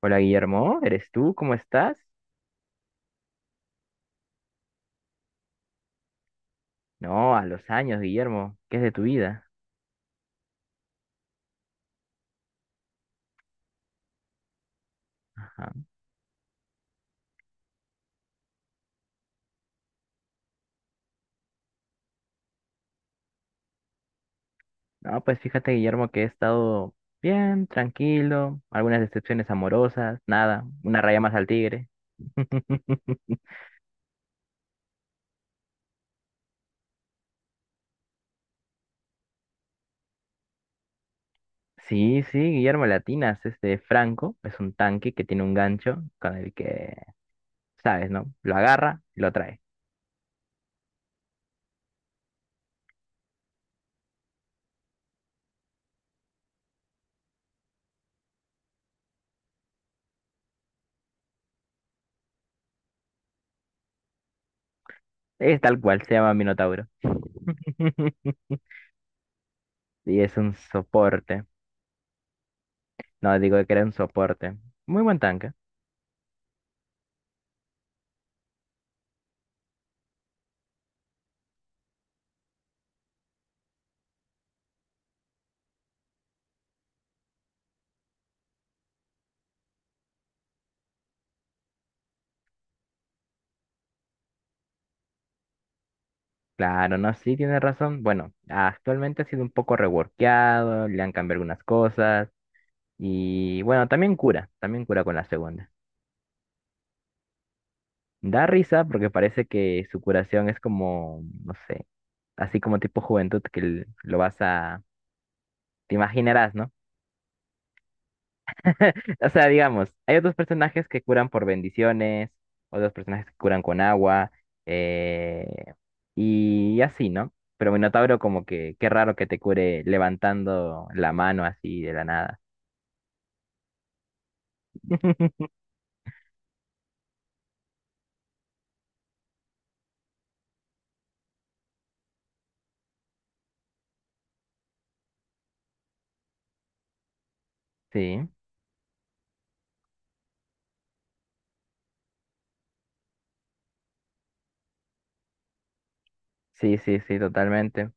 Hola Guillermo, ¿eres tú? ¿Cómo estás? No, a los años, Guillermo, ¿qué es de tu vida? Ajá. No, pues fíjate, Guillermo, que he estado bien, tranquilo, algunas decepciones amorosas, nada, una raya más al tigre. Sí, sí, Guillermo Latinas, este Franco es un tanque que tiene un gancho con el que, sabes, ¿no? Lo agarra y lo trae. Es tal cual, se llama Minotauro. Y es un soporte. No, digo que era un soporte. Muy buen tanque. Claro, no, sí, tiene razón. Bueno, actualmente ha sido un poco reworkeado, le han cambiado algunas cosas y bueno, también cura con la segunda. Da risa porque parece que su curación es como, no sé, así como tipo juventud que lo vas a, te imaginarás, ¿no? O sea, digamos, hay otros personajes que curan por bendiciones, otros personajes que curan con agua, eh, y así, ¿no? Pero Minotauro como que, qué raro que te cure levantando la mano así de la nada. Sí, sí, sí, sí, totalmente.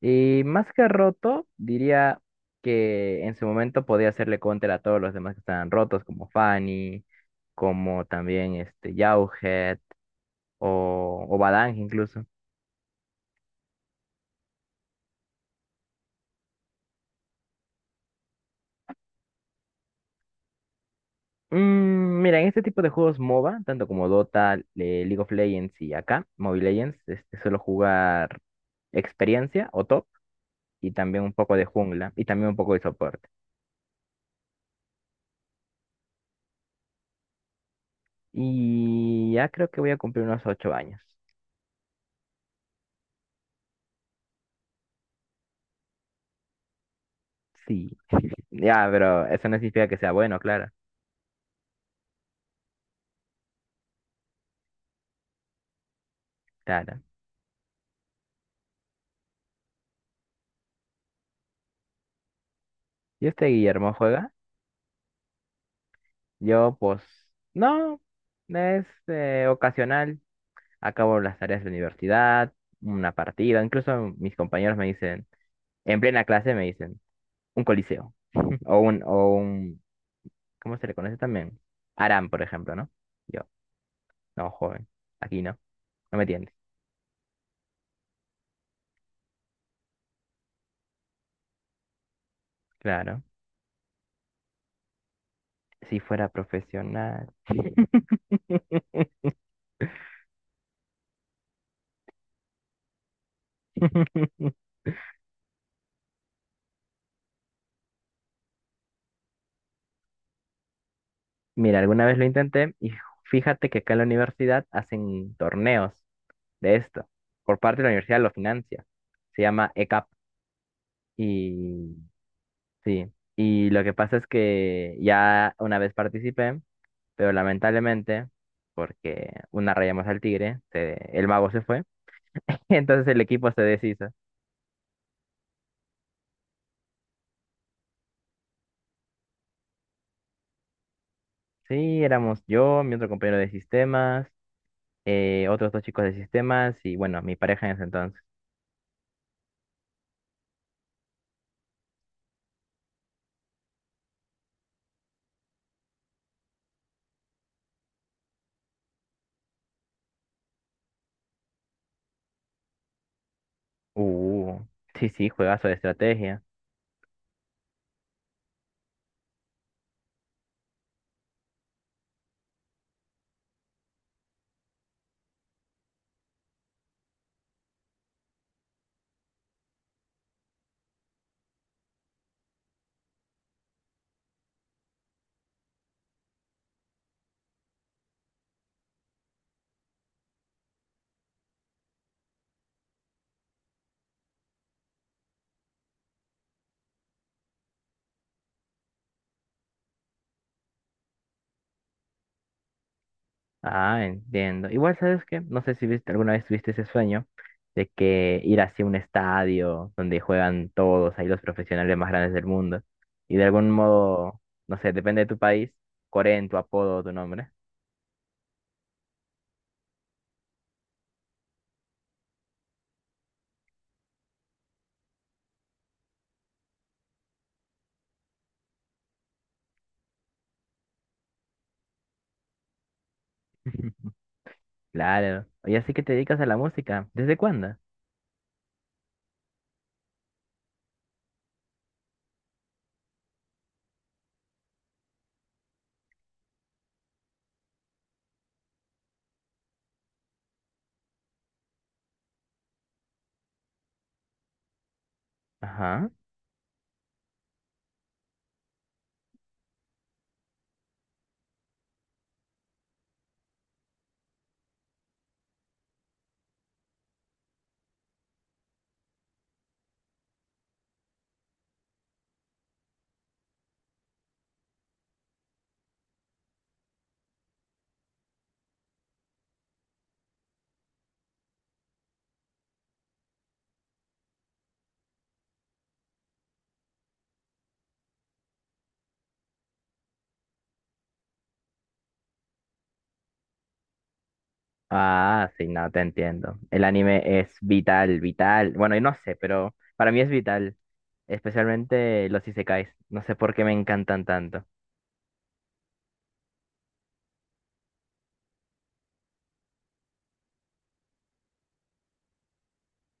Y más que roto, diría que en su momento podía hacerle counter a todos los demás que estaban rotos, como Fanny, como también este Jauhead o Badang incluso. Mm, mira, en este tipo de juegos MOBA, tanto como Dota, League of Legends y acá, Mobile Legends, este, suelo jugar experiencia o top y también un poco de jungla y también un poco de soporte. Y ya creo que voy a cumplir unos 8 años. Sí, ya, pero eso no significa que sea bueno, claro, claro. Y este Guillermo juega, yo pues no, es ocasional, acabo las tareas de la universidad, una partida, incluso mis compañeros me dicen, en plena clase me dicen. Un coliseo o un, ¿cómo se le conoce también? Aram, por ejemplo, ¿no? Yo, no, joven, aquí no, no me entiendes. Claro, si fuera profesional. Mira, alguna vez lo intenté y fíjate que acá en la universidad hacen torneos de esto. Por parte de la universidad lo financia. Se llama ECAP y sí. Y lo que pasa es que ya una vez participé. Pero lamentablemente, porque una raya más al tigre, el mago se fue. Y entonces el equipo se deshizo. Sí, éramos yo, mi otro compañero de sistemas, otros dos chicos de sistemas y bueno, mi pareja en ese entonces. Uh, sí, sí, juegazo de estrategia. Ah, entiendo. Igual, ¿sabes qué? No sé si viste, alguna vez tuviste ese sueño de que ir hacia un estadio donde juegan todos, ahí los profesionales más grandes del mundo. Y de algún modo, no sé, depende de tu país, Corea en tu apodo o tu nombre. Claro. Oye, así que te dedicas a la música. ¿Desde cuándo? Ajá. Ah, sí, no, te entiendo. El anime es vital, vital. Bueno, y no sé, pero para mí es vital. Especialmente los isekais. No sé por qué me encantan tanto.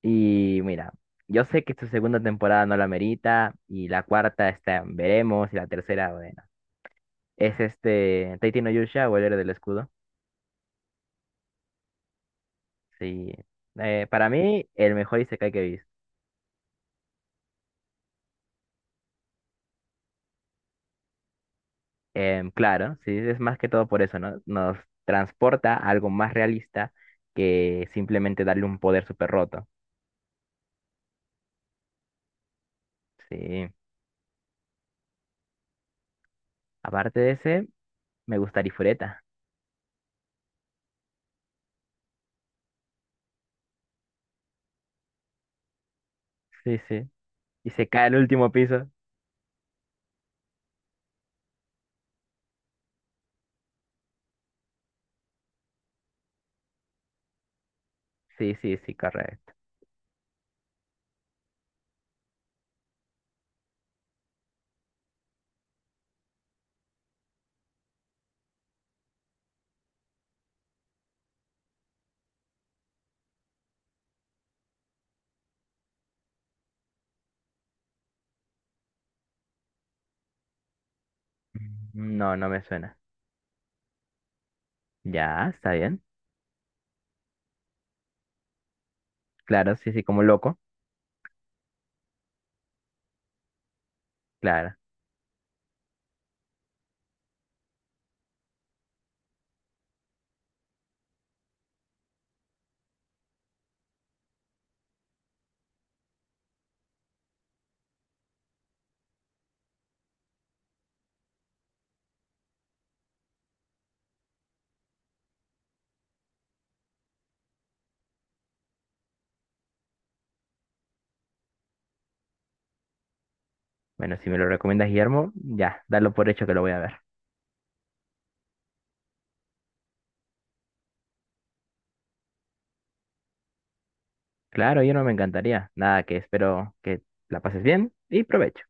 Y mira, yo sé que su segunda temporada no la merita. Y la cuarta está, en veremos. Y la tercera, bueno. Es este, Taiti no Yusha o el héroe del escudo. Sí. Para mí, el mejor isekai que he visto. Claro, sí, es más que todo por eso, ¿no? Nos transporta a algo más realista que simplemente darle un poder súper roto. Sí. Aparte de ese, me gusta Ifureta. Sí, sí. Y se cae al último piso. Sí, sí, sí, correcto. Mm, no, no me suena. Ya, está bien. Claro, sí, sí, como loco. Claro. Bueno, si me lo recomiendas, Guillermo, ya, dalo por hecho que lo voy a ver. Claro, yo no me encantaría. Nada, que espero que la pases bien y provecho.